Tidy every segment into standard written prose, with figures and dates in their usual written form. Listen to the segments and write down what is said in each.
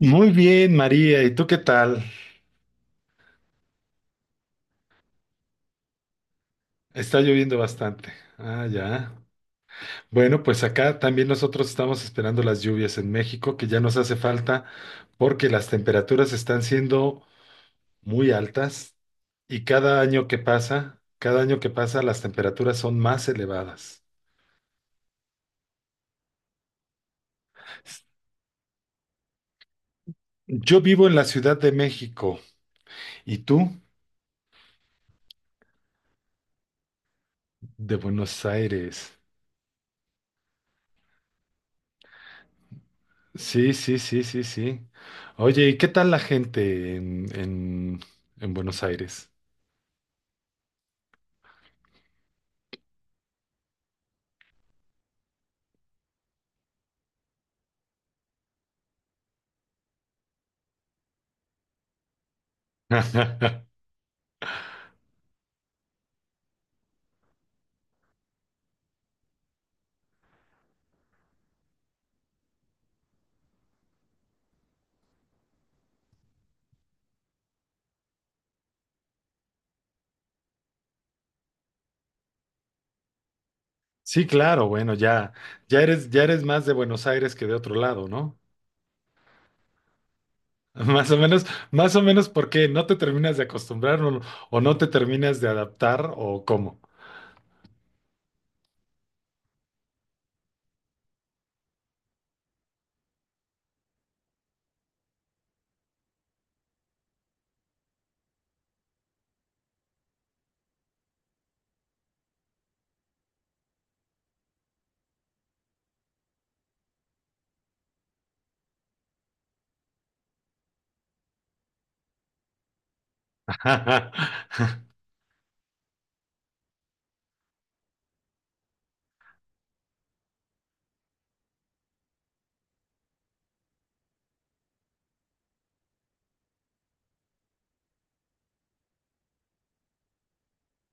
Muy bien, María. ¿Y tú qué tal? Está lloviendo bastante. Ah, ya. Bueno, pues acá también nosotros estamos esperando las lluvias en México, que ya nos hace falta porque las temperaturas están siendo muy altas y cada año que pasa, cada año que pasa, las temperaturas son más elevadas. Yo vivo en la Ciudad de México. ¿Y tú? De Buenos Aires. Sí, sí, sí, sí, sí. Oye, ¿y qué tal la gente en Buenos Aires? Sí, claro, bueno, ya, ya eres más de Buenos Aires que de otro lado, ¿no? Más o menos, más o menos porque no te terminas de acostumbrar o no te terminas de adaptar o cómo.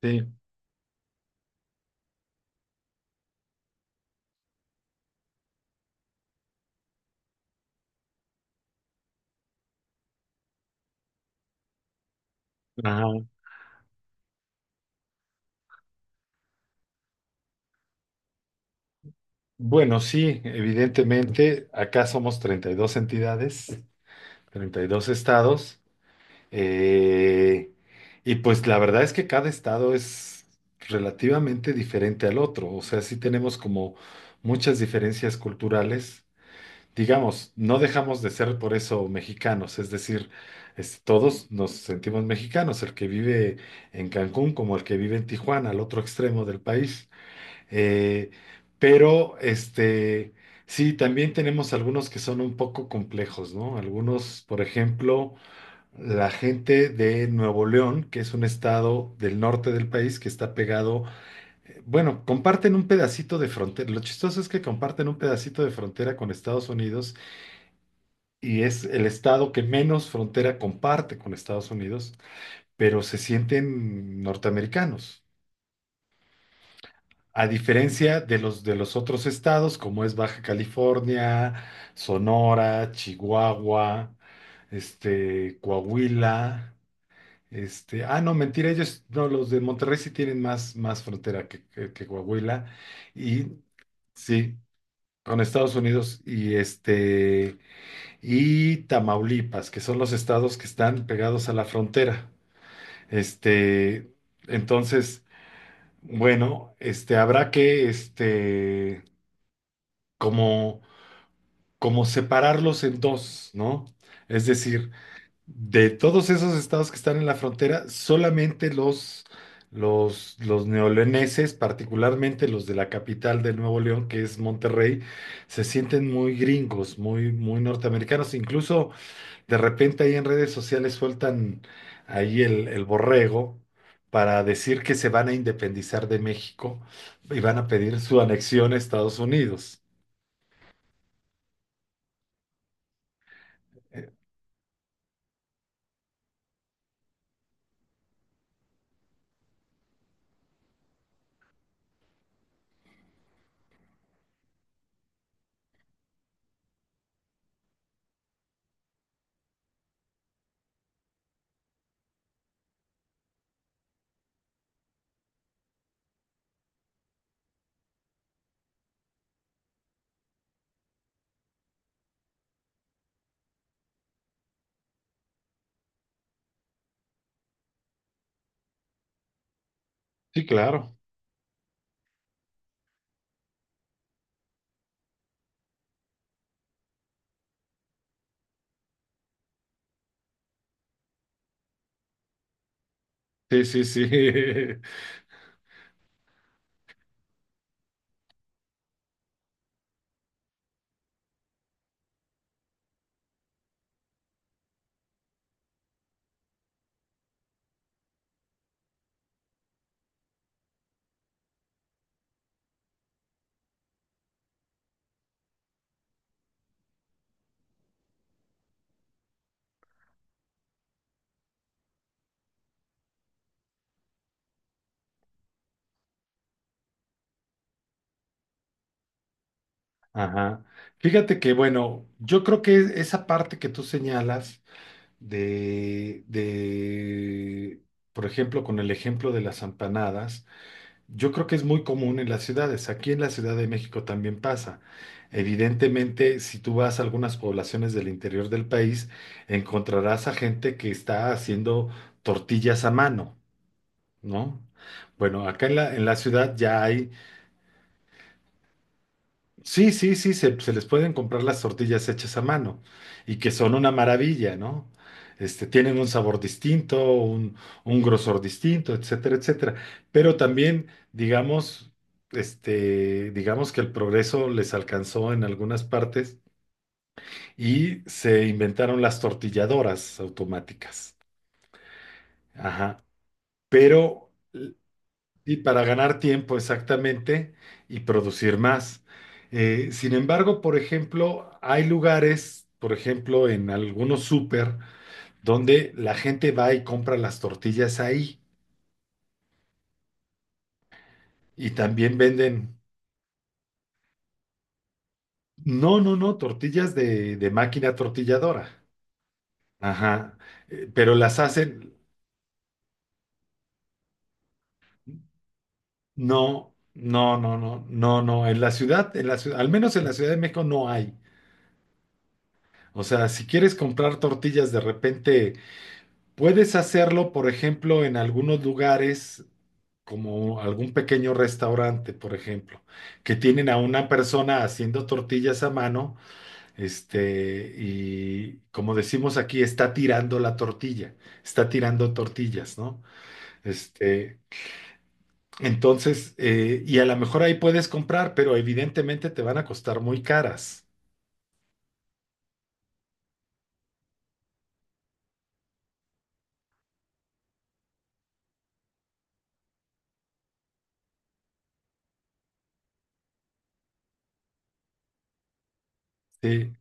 Sí. Ajá. Bueno, sí, evidentemente, acá somos 32 entidades, 32 estados. Eh, y pues la verdad es que cada estado es relativamente diferente al otro, o sea, sí tenemos como muchas diferencias culturales. Digamos, no dejamos de ser por eso mexicanos, es decir, es- todos nos sentimos mexicanos, el que vive en Cancún como el que vive en Tijuana, al otro extremo del país. Eh, pero, este, sí, también tenemos algunos que son un poco complejos, ¿no? Algunos, por ejemplo la gente de Nuevo León, que es un estado del norte del país que está pegado, bueno, comparten un pedacito de frontera. Lo chistoso es que comparten un pedacito de frontera con Estados Unidos y es el estado que menos frontera comparte con Estados Unidos, pero se sienten norteamericanos. A diferencia de los otros estados, como es Baja California, Sonora, Chihuahua, este, Coahuila. Este, ah, no, mentira, ellos, no, los de Monterrey sí tienen más, más frontera que, que Coahuila. Y sí, con Estados Unidos y este, y Tamaulipas, que son los estados que están pegados a la frontera. Este, entonces, bueno, este, habrá que, este, como, como separarlos en dos, ¿no? Es decir, de todos esos estados que están en la frontera, solamente los, los neoleoneses, particularmente los de la capital de Nuevo León, que es Monterrey, se sienten muy gringos, muy, muy norteamericanos. Incluso de repente ahí en redes sociales sueltan ahí el borrego para decir que se van a independizar de México y van a pedir su anexión a Estados Unidos. Eh, Sí, claro. Sí, sí, sí. Ajá. Fíjate que, bueno, yo creo que esa parte que tú señalas de, por ejemplo, con el ejemplo de las empanadas, yo creo que es muy común en las ciudades. Aquí en la Ciudad de México también pasa. Evidentemente, si tú vas a algunas poblaciones del interior del país, encontrarás a gente que está haciendo tortillas a mano, ¿no? Bueno, acá en la ciudad ya hay sí, sí, sí, se les pueden comprar las tortillas hechas a mano y que son una maravilla, ¿no? Este, tienen un sabor distinto, un grosor distinto, etcétera, etcétera. Pero también, digamos, este, digamos que el progreso les alcanzó en algunas partes y se inventaron las tortilladoras automáticas. Ajá. Pero y para ganar tiempo exactamente y producir más. Sin embargo, por ejemplo, hay lugares, por ejemplo, en algunos súper, donde la gente va y compra las tortillas ahí y también venden, no, no, no, tortillas de máquina tortilladora. Ajá, pero las hacen, no, no, no, no, no, no, en la ciudad, al menos en la Ciudad de México no hay. O sea, si quieres comprar tortillas de repente puedes hacerlo, por ejemplo, en algunos lugares, como algún pequeño restaurante, por ejemplo, que tienen a una persona haciendo tortillas a mano, este, y como decimos aquí, está tirando la tortilla, está tirando tortillas, ¿no? Este, entonces, y a lo mejor ahí puedes comprar, pero evidentemente te van a costar muy caras. Sí.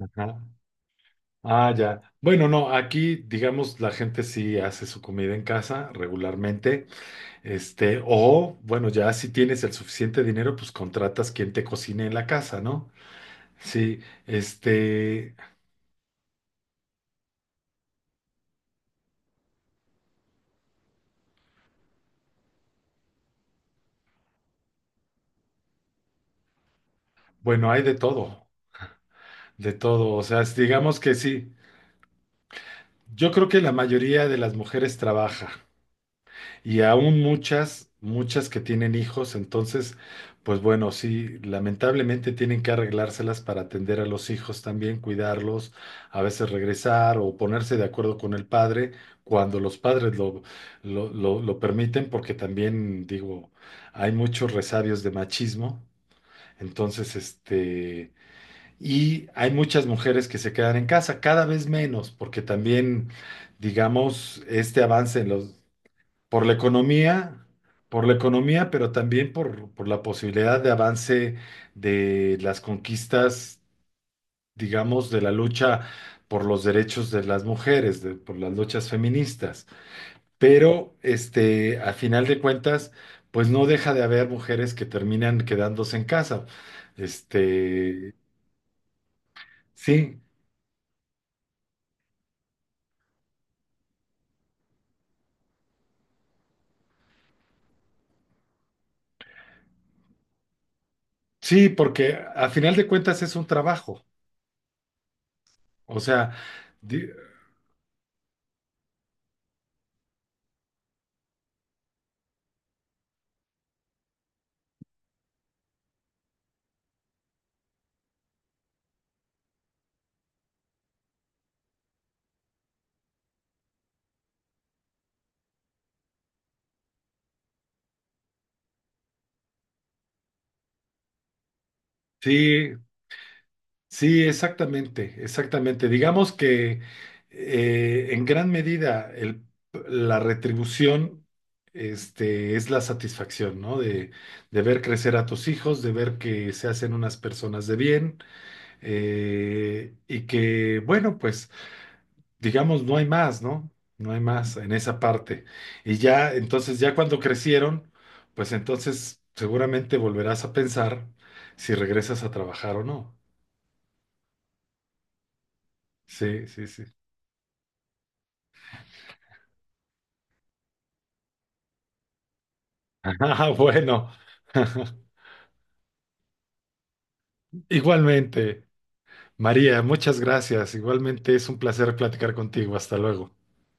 Ajá. Ah, ya. Bueno, no, aquí, digamos, la gente sí hace su comida en casa regularmente. Este, o bueno, ya si tienes el suficiente dinero, pues contratas quien te cocine en la casa, ¿no? Sí, este, bueno, hay de todo, o sea, digamos que sí. Yo creo que la mayoría de las mujeres trabaja. Y aún muchas, muchas que tienen hijos, entonces, pues bueno, sí, lamentablemente tienen que arreglárselas para atender a los hijos también, cuidarlos, a veces regresar o ponerse de acuerdo con el padre cuando los padres lo permiten, porque también, digo, hay muchos resabios de machismo. Entonces, este, y hay muchas mujeres que se quedan en casa, cada vez menos, porque también, digamos, este avance en los por la economía, por la economía, pero también por la posibilidad de avance de las conquistas, digamos, de la lucha por los derechos de las mujeres, de- por las luchas feministas. Pero, este, a final de cuentas, pues no deja de haber mujeres que terminan quedándose en casa. Este, sí, sí, porque a final de cuentas es un trabajo. O sea, di- sí, sí, exactamente, exactamente. Digamos que en gran medida el- la retribución este, es la satisfacción, ¿no? De ver crecer a tus hijos, de ver que se hacen unas personas de bien y que, bueno, pues digamos, no hay más, ¿no? No hay más en esa parte. Y ya, entonces, ya cuando crecieron, pues entonces seguramente volverás a pensar si regresas a trabajar o no. Sí, sí, sí. Ah, bueno, igualmente. María, muchas gracias. Igualmente es un placer platicar contigo. Hasta luego.